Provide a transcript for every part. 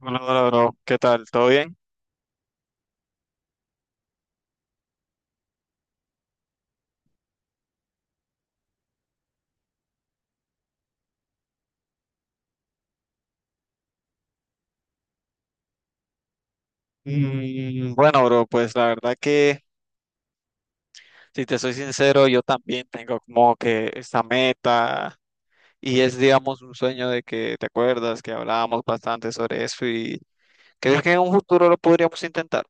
Hola, hola, bro. ¿Qué tal? ¿Todo bien? Mm, bueno, bro, pues la verdad que, si te soy sincero, yo también tengo como que esta meta y es, digamos, un sueño de que te acuerdas que hablábamos bastante sobre eso. Y ¿crees que en un futuro lo podríamos intentar?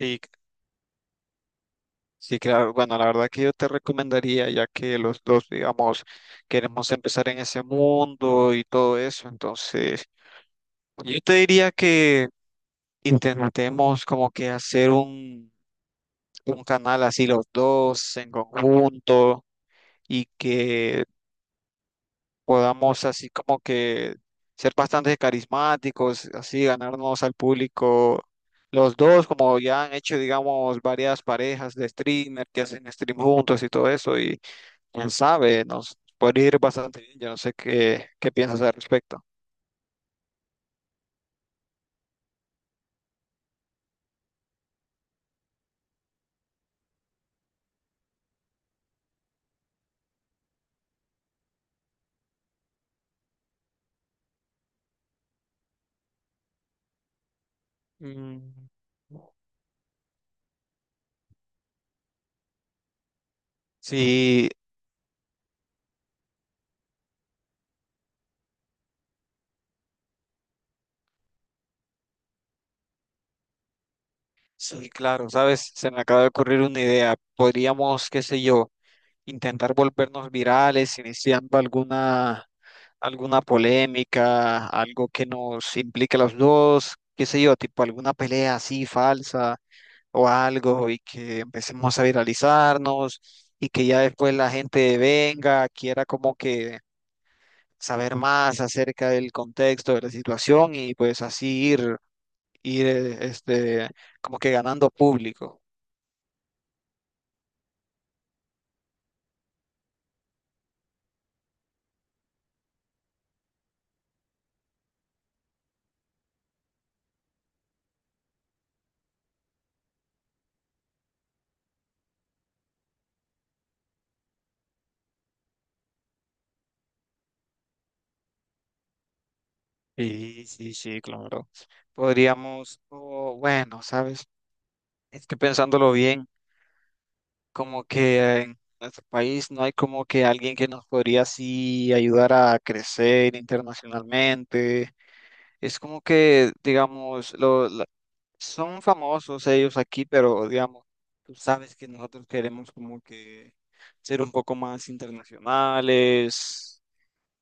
Y sí, claro, bueno, la verdad que yo te recomendaría, ya que los dos, digamos, queremos empezar en ese mundo y todo eso, entonces yo te diría que intentemos como que hacer un canal así los dos en conjunto, y que podamos así como que ser bastante carismáticos, así ganarnos al público los dos, como ya han hecho, digamos, varias parejas de streamer que hacen stream juntos y todo eso, y quién sabe, nos puede ir bastante bien. Yo no sé qué, qué piensas al respecto. Mm, sí, sí, claro, sabes, se me acaba de ocurrir una idea. Podríamos, qué sé yo, intentar volvernos virales, iniciando alguna, alguna polémica, algo que nos implique a los dos, qué sé yo, tipo alguna pelea así falsa o algo, y que empecemos a viralizarnos y que ya después la gente venga, quiera como que saber más acerca del contexto de la situación, y pues así ir, ir, como que ganando público. Sí, sí, sí, claro. Podríamos, o bueno, ¿sabes? Es que pensándolo bien, como que en nuestro país no hay como que alguien que nos podría así ayudar a crecer internacionalmente. Es como que, digamos, lo, la- son famosos ellos aquí, pero digamos, tú sabes que nosotros queremos como que ser un poco más internacionales,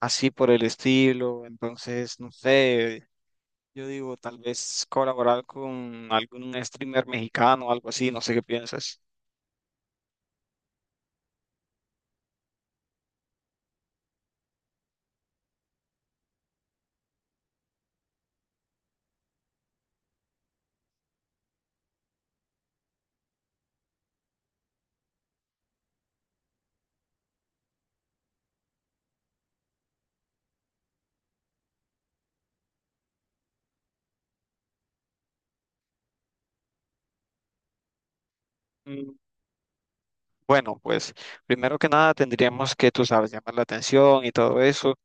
así por el estilo. Entonces, no sé, yo digo, tal vez colaborar con algún streamer mexicano o algo así. No sé qué piensas. Bueno, pues primero que nada tendríamos que, tú sabes, llamar la atención y todo eso.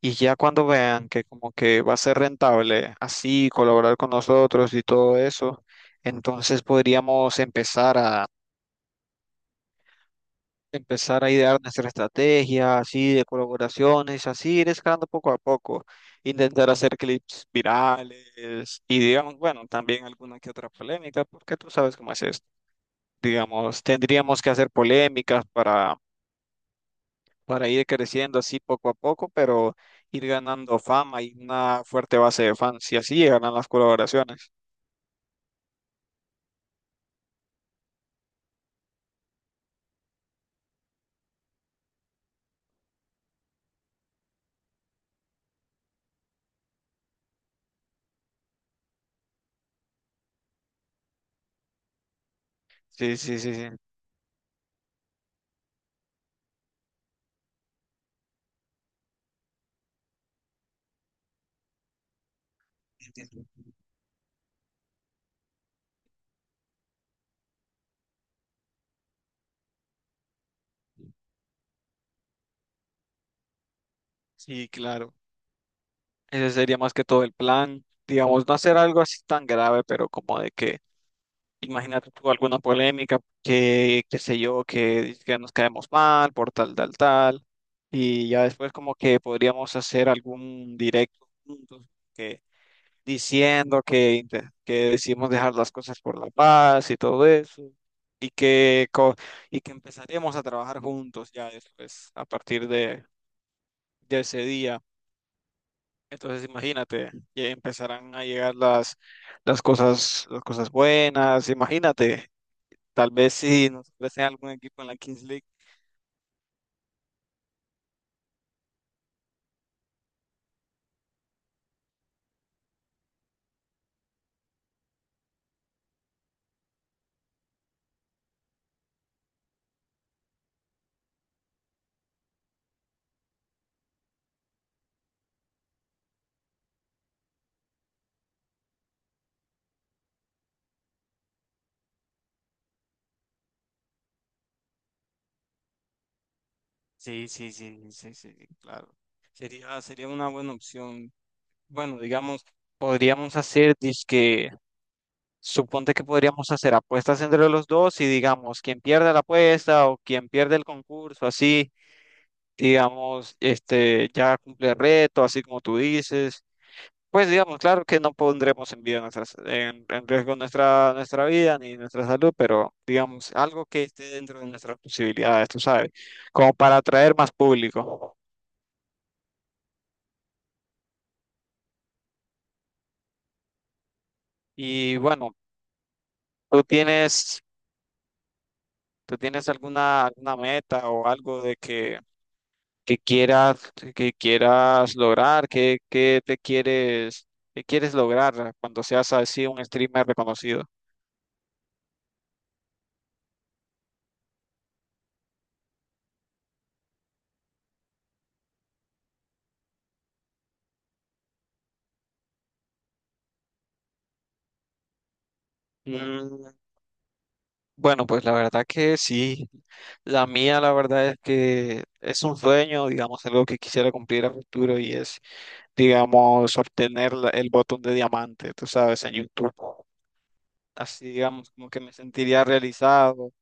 Y ya cuando vean que como que va a ser rentable así colaborar con nosotros y todo eso, entonces podríamos empezar a idear nuestra estrategia así de colaboraciones, así ir escalando poco a poco, intentar hacer clips virales y digamos, bueno, también alguna que otra polémica, porque tú sabes cómo es esto. Digamos, tendríamos que hacer polémicas para ir creciendo así poco a poco, pero ir ganando fama y una fuerte base de fans, y así llegarán las colaboraciones. Sí, sí, sí, sí. Entiendo. Sí, claro. Ese sería más que todo el plan, digamos, no hacer algo así tan grave, pero como de que, imagínate tú alguna polémica, que, qué sé yo, que nos caemos mal por tal, tal, tal, y ya después como que podríamos hacer algún directo juntos, diciendo que, que decidimos dejar las cosas por la paz y todo eso, y y que empezaremos a trabajar juntos ya después, a partir de ese día. Entonces imagínate, ya empezarán a llegar las cosas buenas. Imagínate, tal vez si nos ofrecen algún equipo en la Kings League. Sí, sí, sí, sí, sí, claro. Sería, sería una buena opción. Bueno, digamos, podríamos hacer disque Suponte que podríamos hacer apuestas entre los dos y digamos, quien pierda la apuesta o quien pierde el concurso, así, digamos, este, ya cumple el reto, así como tú dices. Pues digamos, claro que no pondremos en vida nuestras, en riesgo nuestra, nuestra vida ni nuestra salud, pero digamos, algo que esté dentro de nuestras posibilidades, tú sabes, como para atraer más público. Y bueno, tú tienes, tú tienes alguna, alguna meta o algo de que qué quieras lograr, qué, qué te quieres, qué quieres lograr cuando seas así un streamer reconocido. Mm, bueno, pues la verdad que sí. La mía, la verdad es que es un sueño, digamos, algo que quisiera cumplir a futuro y es, digamos, obtener el botón de diamante, tú sabes, en YouTube. Así digamos, como que me sentiría realizado,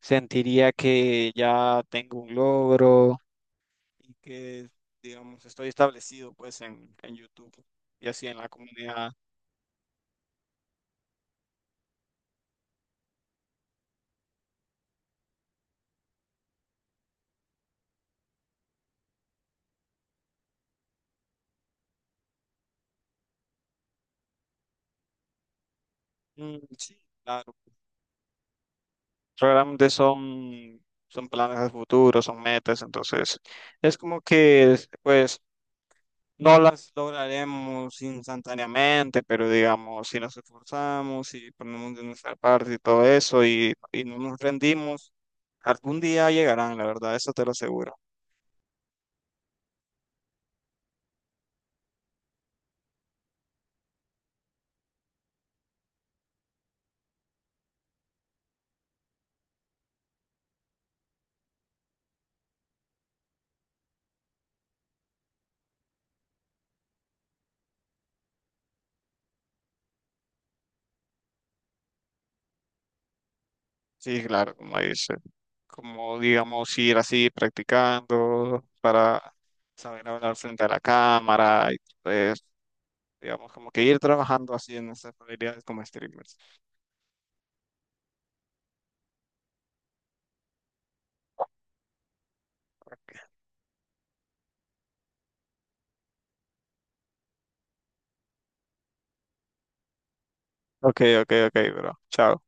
sentiría que ya tengo un logro y que, digamos, estoy establecido pues en YouTube y así en la comunidad. Mm, sí, claro. Realmente son, son planes de futuro, son metas, entonces es como que pues no las lograremos instantáneamente, pero digamos, si nos esforzamos y ponemos de nuestra parte y todo eso y no nos rendimos, algún día llegarán, la verdad, eso te lo aseguro. Sí, claro, como dice, como digamos, ir así practicando para saber hablar frente a la cámara y pues, digamos, como que ir trabajando así en nuestras habilidades como streamers. Ok, ok, ok, bro. Chao.